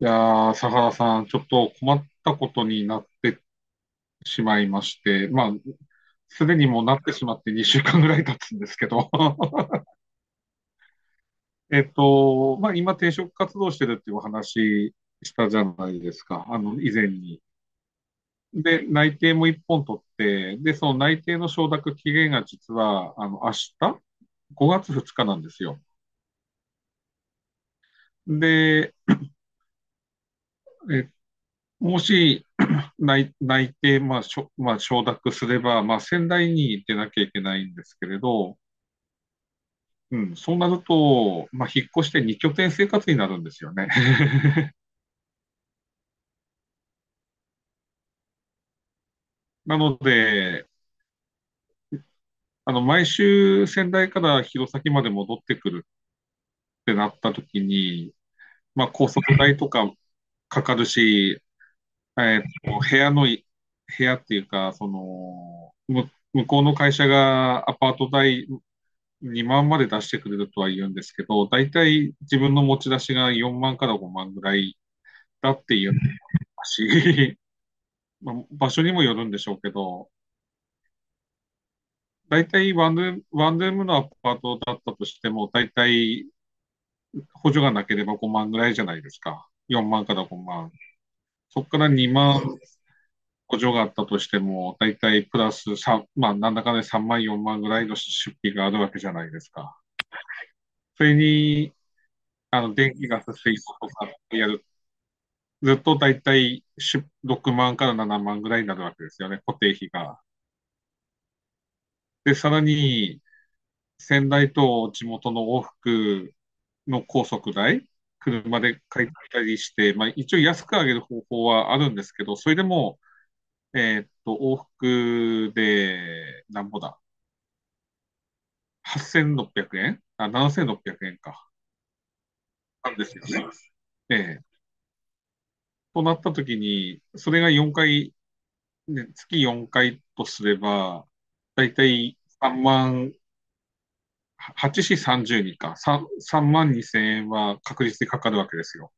いやー、佐原さん、ちょっと困ったことになってしまいまして、まあ、すでにもうなってしまって2週間ぐらい経つんですけど、まあ、今転職活動してるっていうお話したじゃないですか、あの、以前に。で、内定も1本取って、で、その内定の承諾期限が実は、あの、明日、5月2日なんですよ。で、えもし内定、まあ、まあ、承諾すれば、まあ、仙台に出なきゃいけないんですけれど、うん、そうなると、まあ、引っ越して2拠点生活になるんですよね。なので、あの、毎週仙台から弘前まで戻ってくるってなった時に、まあ、高速代とかかかるし、えーと、部屋のい、部屋っていうか、その、向こうの会社がアパート代2万まで出してくれるとは言うんですけど、大体自分の持ち出しが4万から5万ぐらいだって言ってますし、まあ場所にもよるんでしょうけど、大体ワンルームのアパートだったとしても、大体補助がなければ5万ぐらいじゃないですか。4万から5万。そこから2万補助があったとしても、大体プラス3、まあ、なんだかね3万、4万ぐらいの出費があるわけじゃないですか。それに、あの、電気ガス、水道とかやるずっとだいたい6万から7万ぐらいになるわけですよね、固定費が。で、さらに、仙台と地元の往復の高速代、車で借りたりして、まあ、一応安く上げる方法はあるんですけど、それでも、往復で、なんぼだ、8600円あ、7600円か、なんですよね。ええとなった時に、それが4回、ね、月4回とすれば、だいたい3万8市30人か、3, 三万2千円は確実にかかるわけですよ。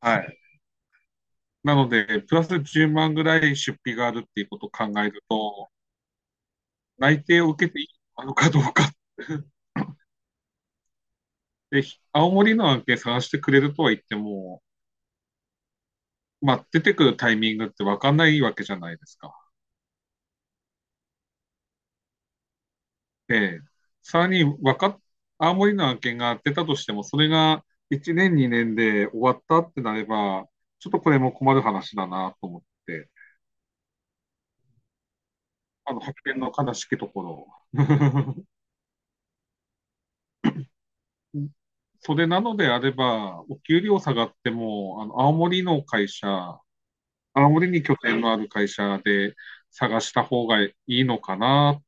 はい。なので、プラス10万ぐらい出費があるっていうことを考えると、内定を受けていいのかどうかって、青森の案件探してくれるとは言っても、まあ、出てくるタイミングって分かんないわけじゃないですか。で、さらにわかっ、青森の案件が出たとしても、それが1年、2年で終わったってなれば、ちょっとこれも困る話だなと思って、あの発見の悲しきところ。それなのであれば、お給料下がっても、青森に拠点のある会社で探した方がいいのかなっ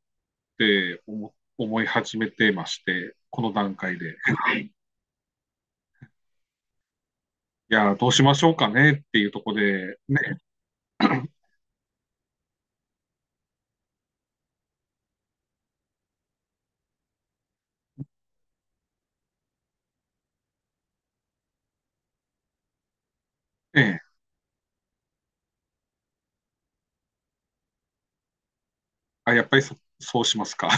て思い始めてまして、この段階で。いや、どうしましょうかねっていうところで、ね。あ、やっぱりそうしますか。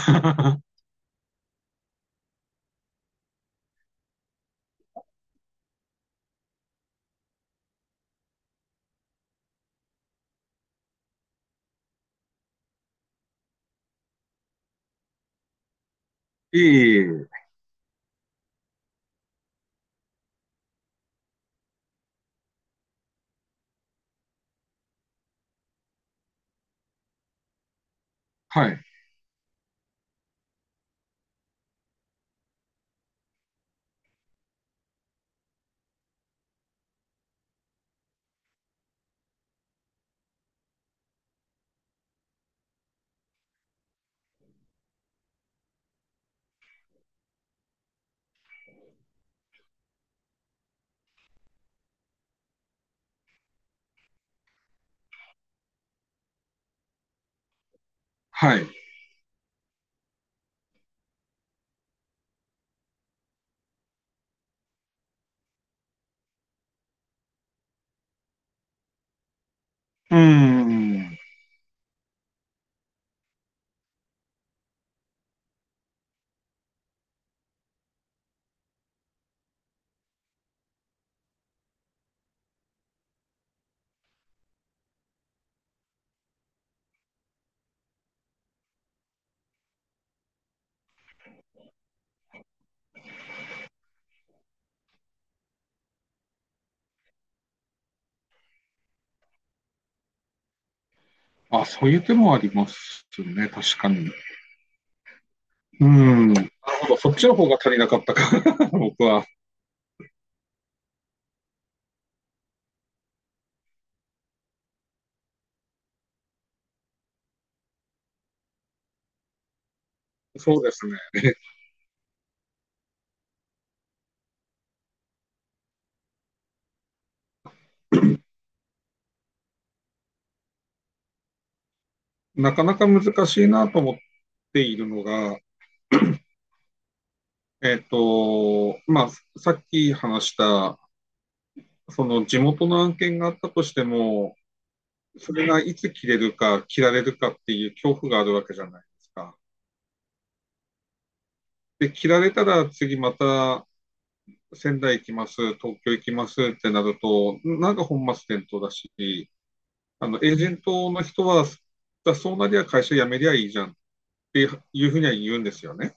いえいえ、はい、はい。うーん。あ、そういう手もありますね、確かに。うん。なるほど。そっちの方が足りなかったか。僕は。そうですね。なかなか難しいなと思っているのが、まあ、さっき話した、その地元の案件があったとしても、それがいつ切れるか、切られるかっていう恐怖があるわけじゃないですか。で、切られたら次また仙台行きます、東京行きますってなると、なんか本末転倒だし、あの、エージェントの人は、だそうなりゃ会社辞めりゃいいじゃんっっていうふうには言うんですよね。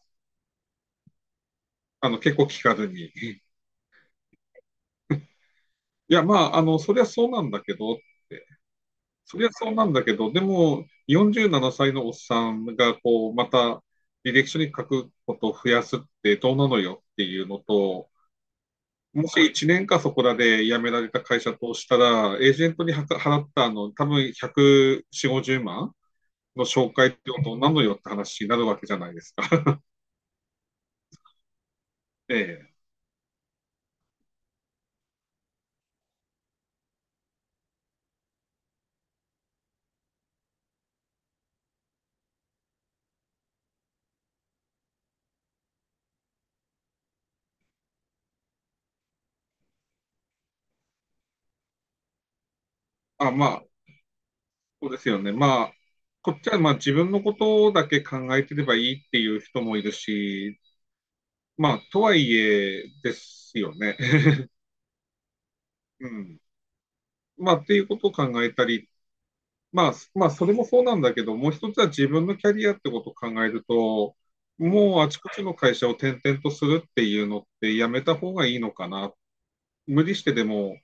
あの、結構聞かずに。いや、まあ、あの、そりゃそうなんだけどって。そりゃそうなんだけど、でも、47歳のおっさんが、こう、また、履歴書に書くことを増やすってどうなのよっていうのと、もし1年かそこらで辞められた会社としたら、エージェントに払ったあの、多分140、5万の紹介ってことなのよって話になるわけじゃないですか。ええあ、まあ、そうですよね。まあ、こっちはまあ自分のことだけ考えてればいいっていう人もいるし、まあ、とはいえですよね。うん。まあ、っていうことを考えたり、まあ、それもそうなんだけど、もう一つは自分のキャリアってことを考えると、もうあちこちの会社を転々とするっていうのってやめた方がいいのかな。無理してでも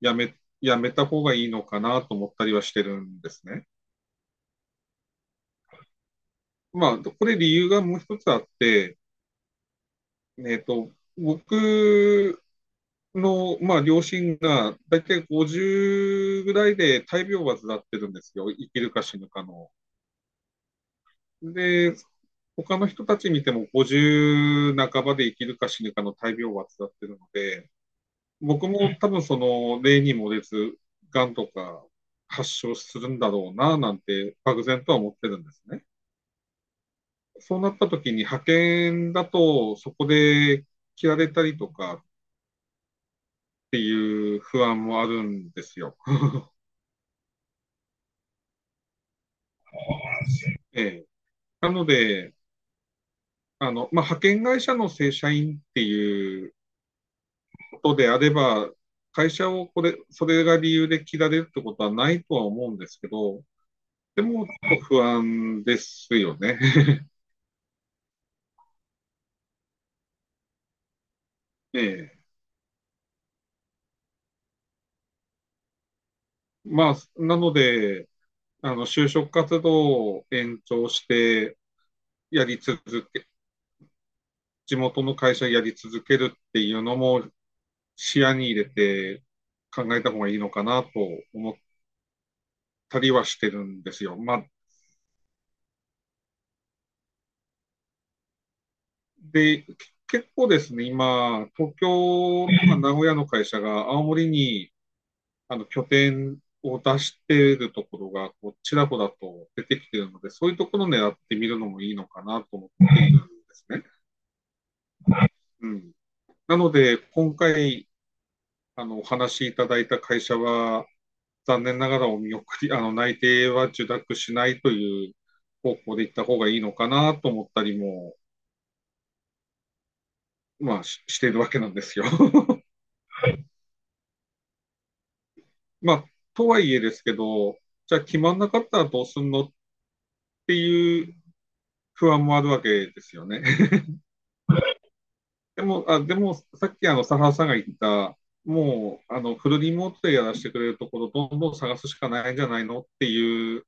やめ、やめた方がいいのかなと思ったりはしてるんですね。まあ、これ理由がもう一つあって、えっと、僕の、まあ、両親が、だいたい50ぐらいで大病を患ってるんですよ。生きるか死ぬかの。で、他の人たち見ても50半ばで生きるか死ぬかの大病を患ってるので、僕も多分その、例に漏れず、癌とか発症するんだろうな、なんて、漠然とは思ってるんですね。そうなった時に派遣だと、そこで切られたりとか、っていう不安もあるんですよ。えなので、あの、まあ、派遣会社の正社員っていうことであれば、会社をこれ、それが理由で切られるってことはないとは思うんですけど、でも、不安ですよね。ええ。まあ、なので、あの、就職活動を延長してやり続け、地元の会社やり続けるっていうのも視野に入れて考えた方がいいのかなと思たりはしてるんですよ。で、結構ですね、今、東京とか名古屋の会社が青森にあの拠点を出しているところがこうちらほらと出てきているので、そういうところを狙ってみるのもいいのかなと思っているんですね。うん、なので、今回あのお話しいただいた会社は、残念ながらお見送り、あの内定は受諾しないという方向で行った方がいいのかなと思ったりも、まあ、ししているわけなんですよ。まあ、とはいえですけど、じゃあ決まんなかったらどうすんのっていう不安もあるわけですよね。でも、あ、でも、さっきあの、佐原さんが言った、もう、あの、フルリモートでやらせてくれるところ、どんどん探すしかないんじゃないのっていう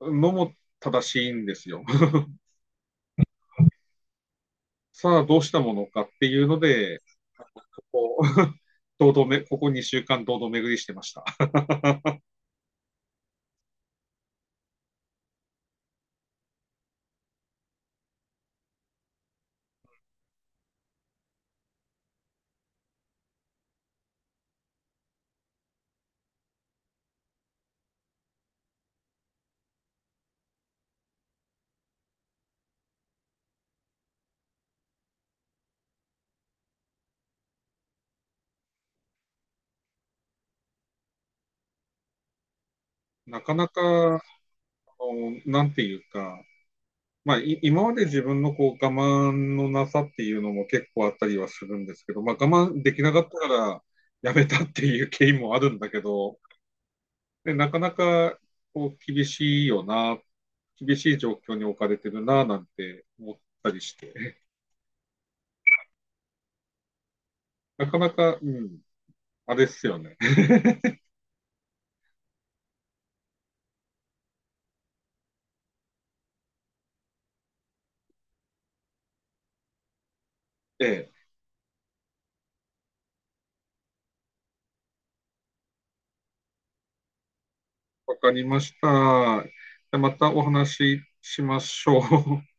のも正しいんですよ。さあ、どうしたものかっていうので、ここここ2週間堂々巡りしてました。なかなか、あの、なんていうか、まあ、今まで自分のこう我慢のなさっていうのも結構あったりはするんですけど、まあ、我慢できなかったからやめたっていう経緯もあるんだけど、でなかなかこう厳しいよな、厳しい状況に置かれてるななんて思ったりして、なかなか、うん、あれっすよね。ええ、わかりました。じゃあまたお話ししましょう。